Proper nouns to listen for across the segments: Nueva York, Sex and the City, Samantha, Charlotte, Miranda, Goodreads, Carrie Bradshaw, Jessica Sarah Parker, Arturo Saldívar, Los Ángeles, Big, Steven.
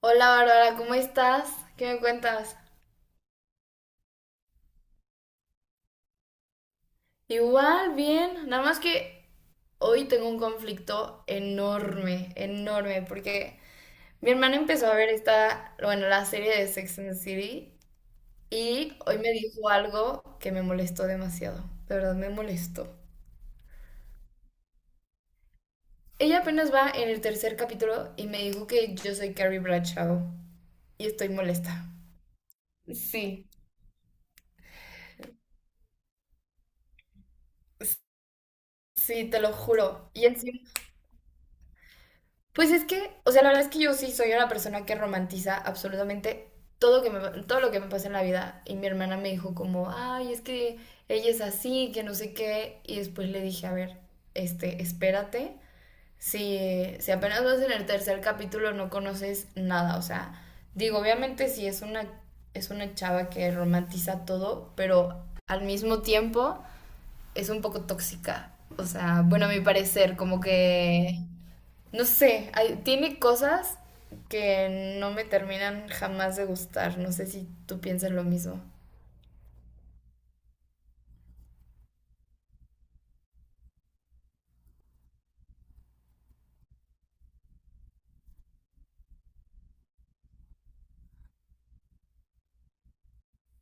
Hola Bárbara, ¿cómo estás? ¿Qué me cuentas? Igual, bien, nada más que hoy tengo un conflicto enorme, enorme, porque mi hermana empezó a ver esta, bueno, la serie de Sex and the City y hoy me dijo algo que me molestó demasiado, de verdad me molestó. Ella apenas va en el tercer capítulo y me dijo que yo soy Carrie Bradshaw y estoy molesta. Sí, sí, te lo juro. Y encima... Pues es que, o sea, la verdad es que yo sí soy una persona que romantiza absolutamente todo, todo lo que me pasa en la vida. Y mi hermana me dijo como, ay, es que ella es así, que no sé qué. Y después le dije, a ver, este, espérate. Si, si apenas vas en el tercer capítulo no conoces nada. O sea, digo, obviamente sí es una chava que romantiza todo, pero al mismo tiempo es un poco tóxica. O sea, bueno, a mi parecer, como que... No sé, tiene cosas que no me terminan jamás de gustar. No sé si tú piensas lo mismo.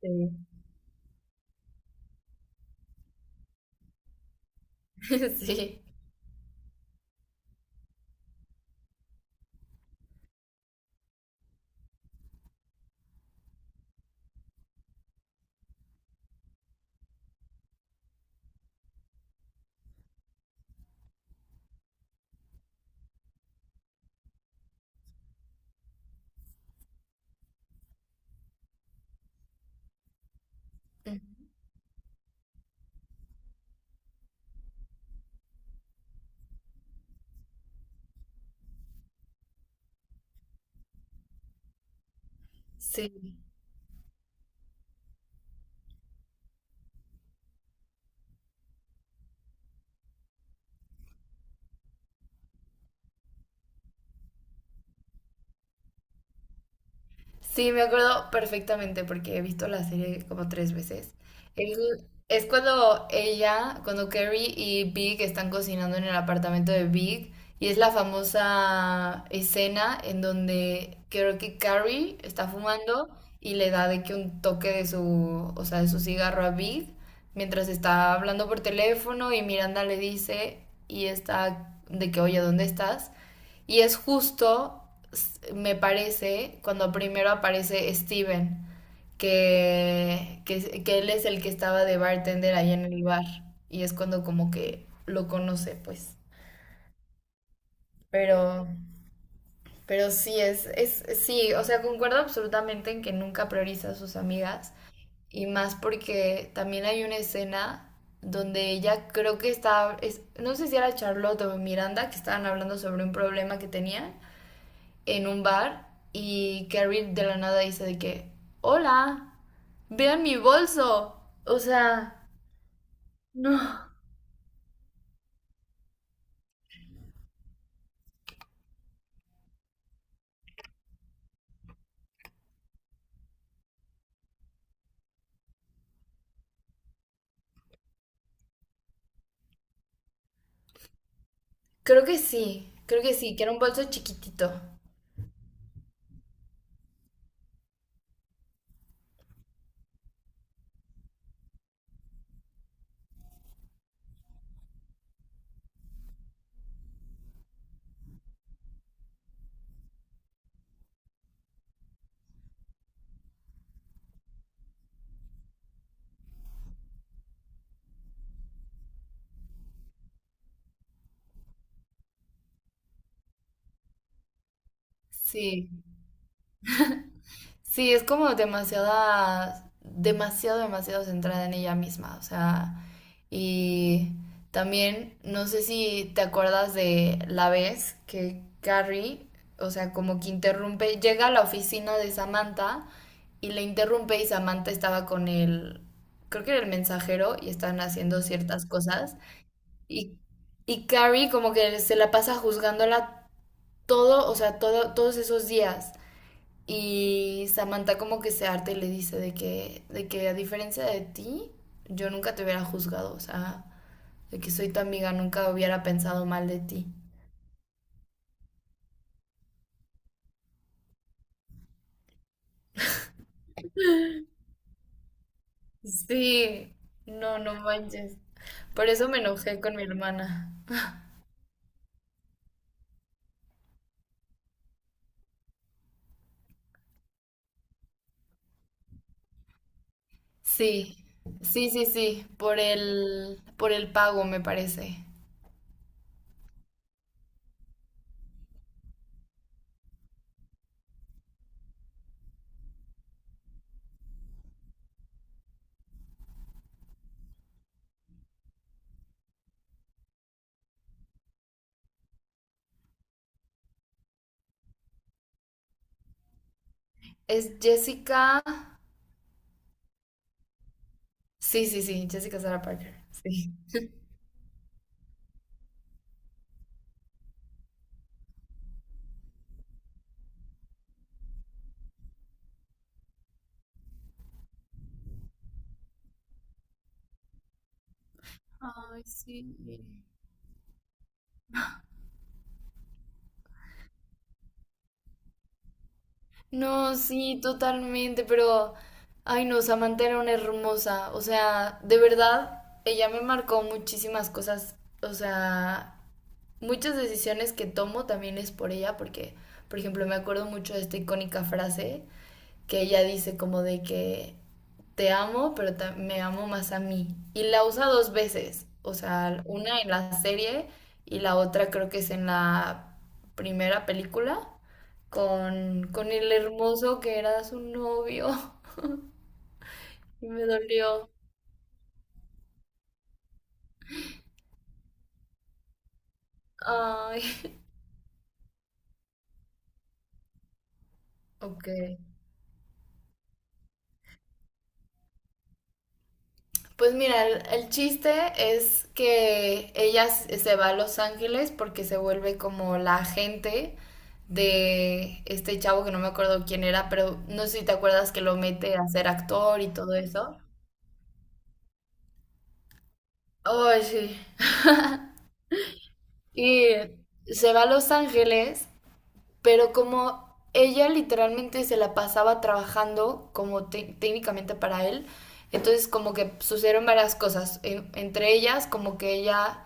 Sí. Sí. Ujú. Sí. Sí, me acuerdo perfectamente porque he visto la serie como tres veces. El- es cuando ella, cuando Carrie y Big están cocinando en el apartamento de Big y es la famosa escena en donde creo que Carrie está fumando y le da de que un toque de su, o sea, de su cigarro a Big mientras está hablando por teléfono y Miranda le dice y está de que, oye, ¿dónde estás? Y es justo, me parece, cuando primero aparece Steven, que él es el que estaba de bartender ahí en el bar. Y es cuando como que lo conoce, pues. Pero, pero sí, sí, o sea, concuerdo absolutamente en que nunca prioriza a sus amigas. Y más porque también hay una escena donde ella creo que estaba, no sé si era Charlotte o Miranda, que estaban hablando sobre un problema que tenían en un bar y Carrie de la nada dice de que, hola, vean mi bolso. O sea, no, creo que sí, que era un bolso chiquitito. Sí. Sí, es como demasiada, demasiado, demasiado centrada en ella misma, o sea, y también no sé si te acuerdas de la vez que Carrie, o sea, como que interrumpe, llega a la oficina de Samantha y le interrumpe y Samantha estaba con el, creo que era el mensajero y están haciendo ciertas cosas y, y Carrie como que se la pasa juzgándola todo, o sea, todo, todos esos días. Y Samantha como que se harta y le dice de que a diferencia de ti, yo nunca te hubiera juzgado, o sea, de que soy tu amiga, nunca hubiera pensado mal de ti. Sí, no, no manches. Por eso me enojé con mi hermana. Sí, sí, sí, sí, por por el pago me parece. Es Jessica. Sí, sí, sí, Jessica Sarah Parker. Sí. Ay, sí. No, sí, totalmente, pero, ay no, Samantha era una hermosa, o sea, de verdad, ella me marcó muchísimas cosas, o sea, muchas decisiones que tomo también es por ella, porque, por ejemplo, me acuerdo mucho de esta icónica frase que ella dice como de que te amo, pero me amo más a mí, y la usa dos veces, o sea, una en la serie y la otra creo que es en la primera película con el hermoso que era su novio. Y me dolió. Ay, ok. Pues mira, el chiste es que ella se va a Los Ángeles porque se vuelve como la agente de este chavo que no me acuerdo quién era, pero no sé si te acuerdas que lo mete a ser actor y todo eso. Ay, sí. Y se va a Los Ángeles pero como ella literalmente se la pasaba trabajando como técnicamente para él, entonces como que sucedieron varias cosas. Entre ellas como que ella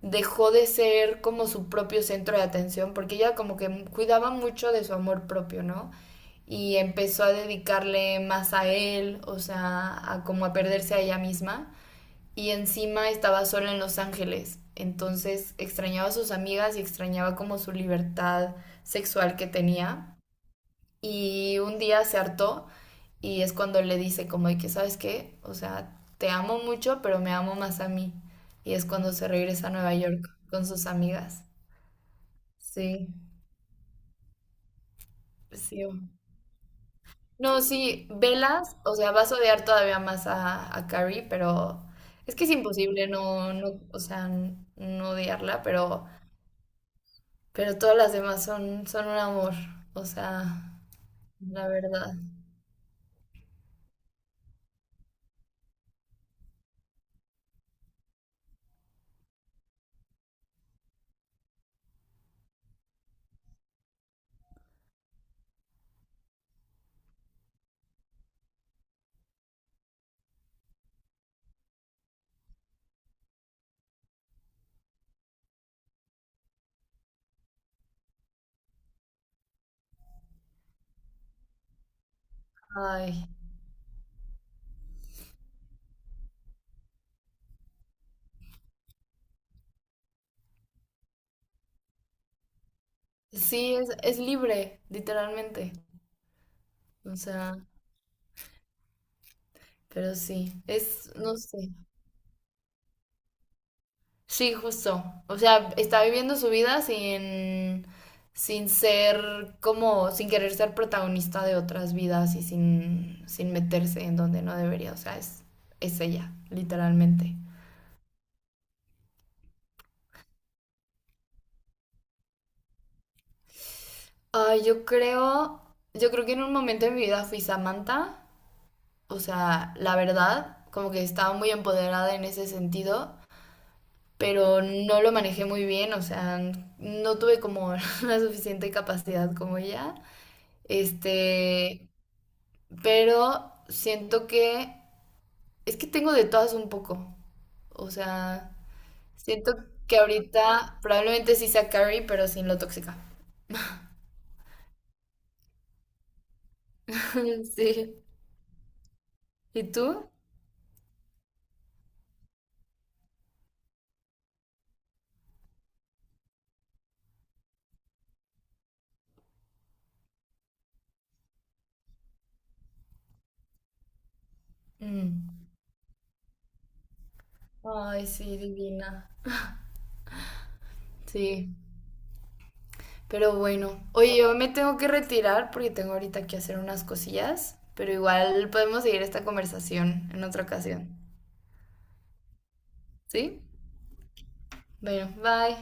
dejó de ser como su propio centro de atención, porque ella como que cuidaba mucho de su amor propio, ¿no? Y empezó a dedicarle más a él, o sea, a como a perderse a ella misma y encima estaba sola en Los Ángeles. Entonces extrañaba a sus amigas y extrañaba como su libertad sexual que tenía. Y un día se hartó y es cuando le dice como de que, ¿sabes qué? O sea, te amo mucho, pero me amo más a mí. Y es cuando se regresa a Nueva York con sus amigas. Sí, sí. No, sí, velas, o sea, vas a odiar todavía más a Carrie, pero es que es imposible o sea, no odiarla, pero todas las demás son, son un amor, o sea, la verdad. Ay, sí, es libre, literalmente. O sea, pero sí, es, no sé. Sí, justo. O sea, está viviendo su vida sin, sin ser como, sin querer ser protagonista de otras vidas y sin, sin meterse en donde no debería. O sea, es ella, literalmente. Ay, yo creo que en un momento de mi vida fui Samantha. O sea, la verdad, como que estaba muy empoderada en ese sentido, pero no lo manejé muy bien, o sea, no tuve como la suficiente capacidad como ella. Este, pero siento que es que tengo de todas un poco. O sea, siento que ahorita probablemente sí sea Carrie, pero sin lo tóxica. Sí. ¿Y tú? Mm. Ay, sí, divina. Sí. Pero bueno, oye, yo me tengo que retirar porque tengo ahorita que hacer unas cosillas, pero igual podemos seguir esta conversación en otra ocasión, ¿sí? Bueno, bye.